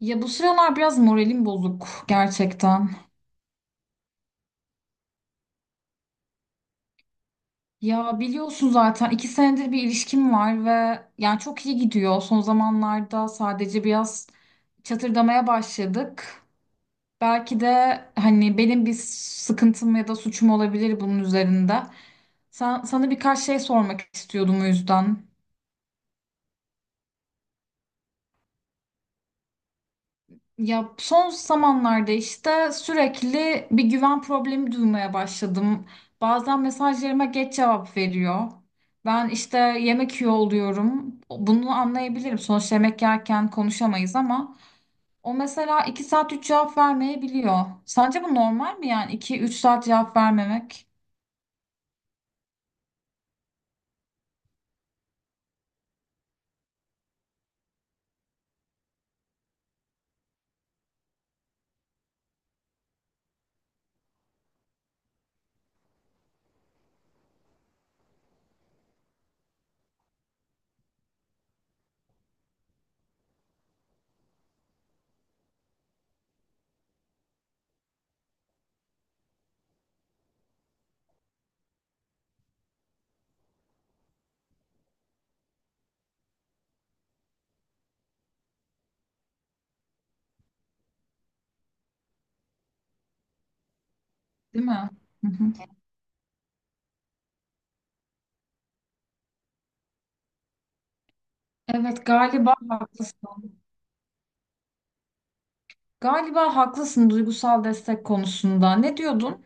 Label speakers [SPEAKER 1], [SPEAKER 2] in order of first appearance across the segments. [SPEAKER 1] Ya bu sıralar biraz moralim bozuk gerçekten. Ya biliyorsun zaten iki senedir bir ilişkim var ve yani çok iyi gidiyor. Son zamanlarda sadece biraz çatırdamaya başladık. Belki de hani benim bir sıkıntım ya da suçum olabilir bunun üzerinde. Sana birkaç şey sormak istiyordum o yüzden. Ya son zamanlarda işte sürekli bir güven problemi duymaya başladım. Bazen mesajlarıma geç cevap veriyor. Ben işte yemek yiyor oluyorum. Bunu anlayabilirim. Sonuçta yemek yerken konuşamayız ama o mesela 2 saat 3 cevap vermeyebiliyor. Sence bu normal mi yani iki üç saat cevap vermemek? Değil mi? Hı hı. Evet, galiba haklısın. Galiba haklısın duygusal destek konusunda. Ne diyordun?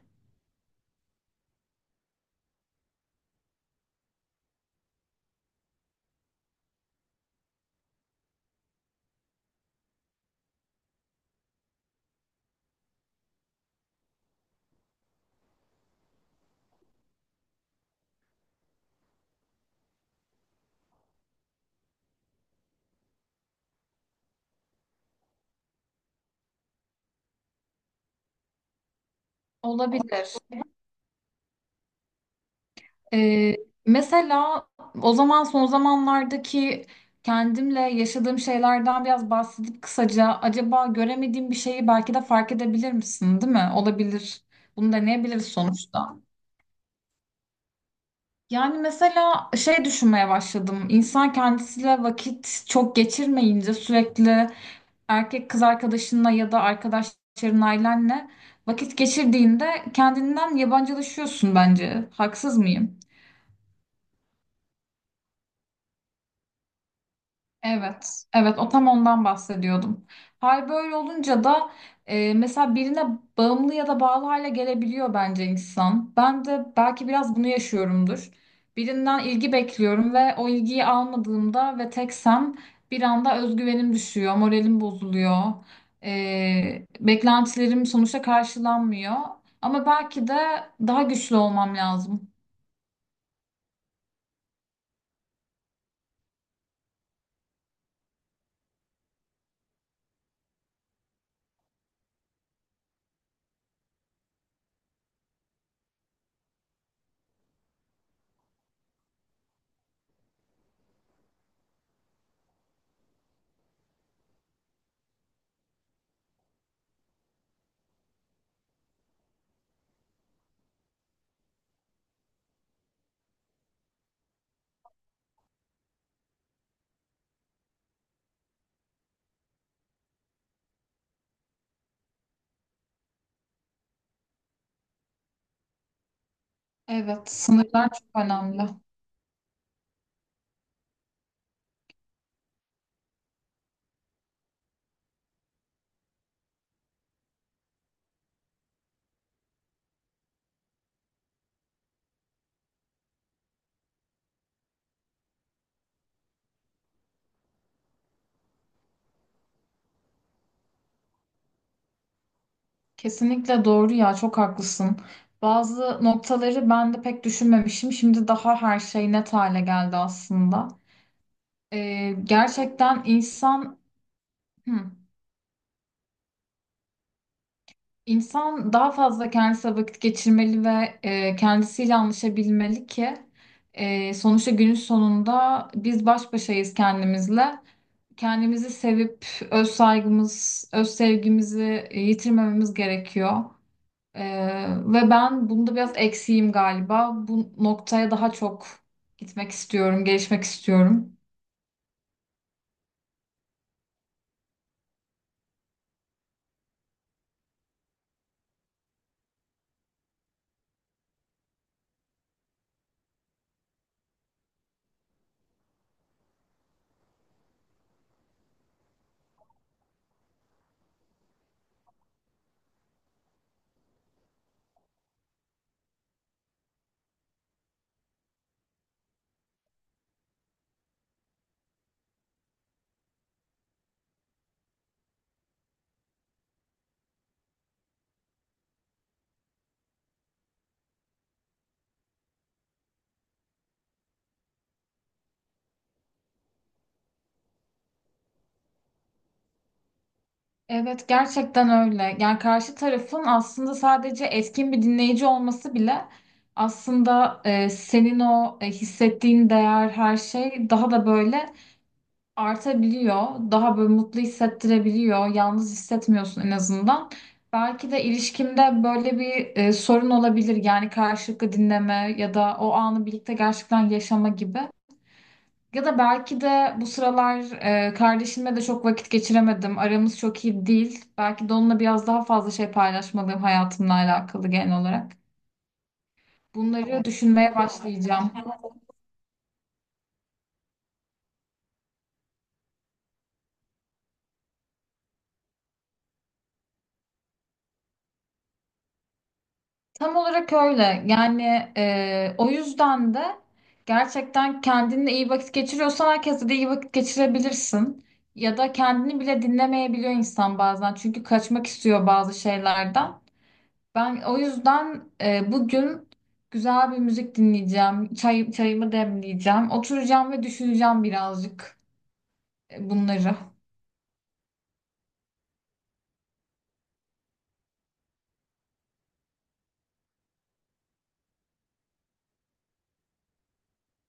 [SPEAKER 1] Olabilir. Ee, Mesela o zaman son zamanlardaki kendimle yaşadığım şeylerden biraz bahsedip kısaca acaba göremediğim bir şeyi belki de fark edebilir misin, değil mi? Olabilir. Bunu deneyebiliriz sonuçta. Yani mesela şey düşünmeye başladım. İnsan kendisiyle vakit çok geçirmeyince sürekli erkek kız arkadaşınla ya da arkadaşların ailenle vakit geçirdiğinde kendinden yabancılaşıyorsun bence. Haksız mıyım? Evet, evet o tam ondan bahsediyordum. Hal böyle olunca da mesela birine bağımlı ya da bağlı hale gelebiliyor bence insan. Ben de belki biraz bunu yaşıyorumdur. Birinden ilgi bekliyorum ve o ilgiyi almadığımda ve teksem bir anda özgüvenim düşüyor, moralim bozuluyor. Beklentilerim sonuçta karşılanmıyor. Ama belki de daha güçlü olmam lazım. Evet, sınırlar çok önemli. Kesinlikle doğru ya çok haklısın. Bazı noktaları ben de pek düşünmemişim. Şimdi daha her şey net hale geldi aslında. Gerçekten insan hı, insan daha fazla kendisine vakit geçirmeli ve kendisiyle anlaşabilmeli ki sonuçta günün sonunda biz baş başayız kendimizle. Kendimizi sevip öz saygımız, öz sevgimizi yitirmememiz gerekiyor. Ve ben bunda biraz eksiğim galiba. Bu noktaya daha çok gitmek istiyorum, gelişmek istiyorum. Evet, gerçekten öyle. Yani karşı tarafın aslında sadece etkin bir dinleyici olması bile aslında senin o hissettiğin değer, her şey daha da böyle artabiliyor. Daha böyle mutlu hissettirebiliyor. Yalnız hissetmiyorsun en azından. Belki de ilişkimde böyle bir sorun olabilir. Yani karşılıklı dinleme ya da o anı birlikte gerçekten yaşama gibi. Ya da belki de bu sıralar kardeşimle de çok vakit geçiremedim. Aramız çok iyi değil. Belki de onunla biraz daha fazla şey paylaşmalıyım hayatımla alakalı genel olarak. Bunları düşünmeye başlayacağım. Tam olarak öyle. Yani o yüzden de gerçekten kendinle iyi vakit geçiriyorsan herkesle de iyi vakit geçirebilirsin. Ya da kendini bile dinlemeyebiliyor insan bazen. Çünkü kaçmak istiyor bazı şeylerden. Ben o yüzden bugün güzel bir müzik dinleyeceğim. Çayımı demleyeceğim. Oturacağım ve düşüneceğim birazcık bunları.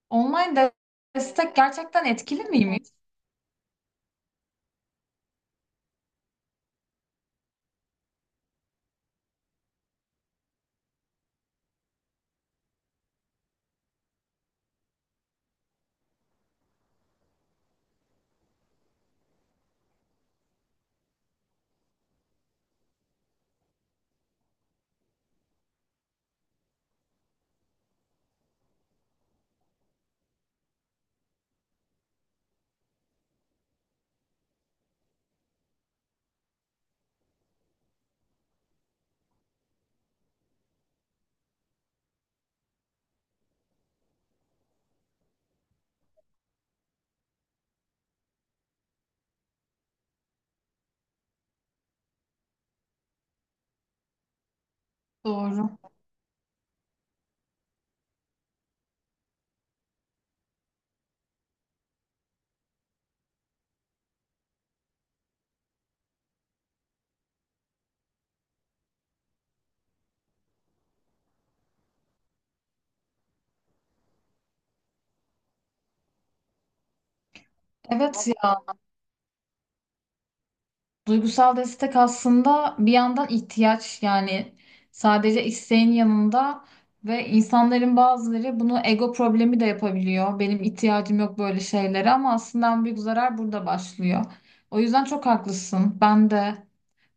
[SPEAKER 1] Online destek gerçekten etkili miymiş? Doğru. Evet ya. Duygusal destek aslında bir yandan ihtiyaç yani sadece isteğin yanında ve insanların bazıları bunu ego problemi de yapabiliyor. Benim ihtiyacım yok böyle şeylere ama aslında en büyük zarar burada başlıyor. O yüzden çok haklısın. Ben de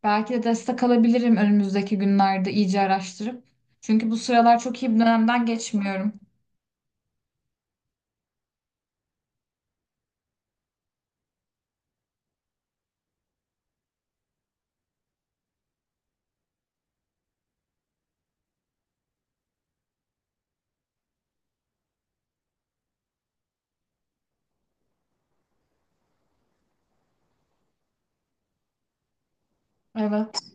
[SPEAKER 1] belki de destek alabilirim önümüzdeki günlerde iyice araştırıp. Çünkü bu sıralar çok iyi bir dönemden geçmiyorum. Evet,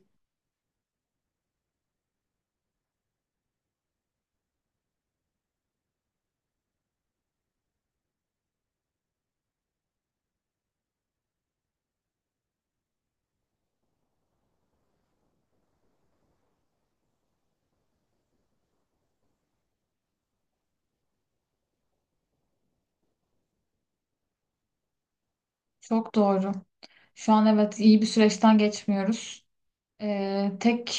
[SPEAKER 1] çok doğru. Şu an evet iyi bir süreçten geçmiyoruz. Tek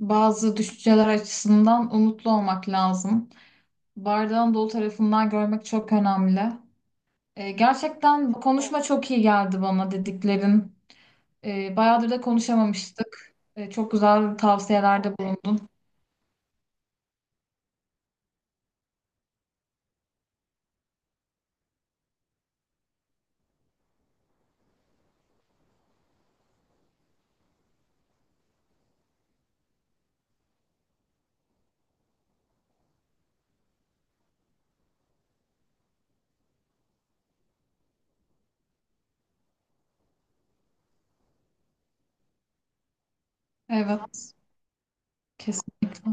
[SPEAKER 1] bazı düşünceler açısından umutlu olmak lazım. Bardağın dolu tarafından görmek çok önemli. Gerçekten bu konuşma çok iyi geldi bana dediklerin. Bayağıdır da konuşamamıştık. Çok güzel tavsiyelerde bulundun. Evet, kesinlikle.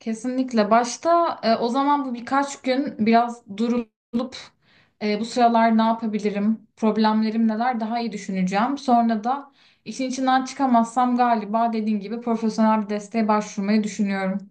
[SPEAKER 1] Kesinlikle. Başta o zaman bu birkaç gün biraz durulup bu sıralar ne yapabilirim, problemlerim neler daha iyi düşüneceğim. Sonra da işin içinden çıkamazsam galiba dediğin gibi profesyonel bir desteğe başvurmayı düşünüyorum.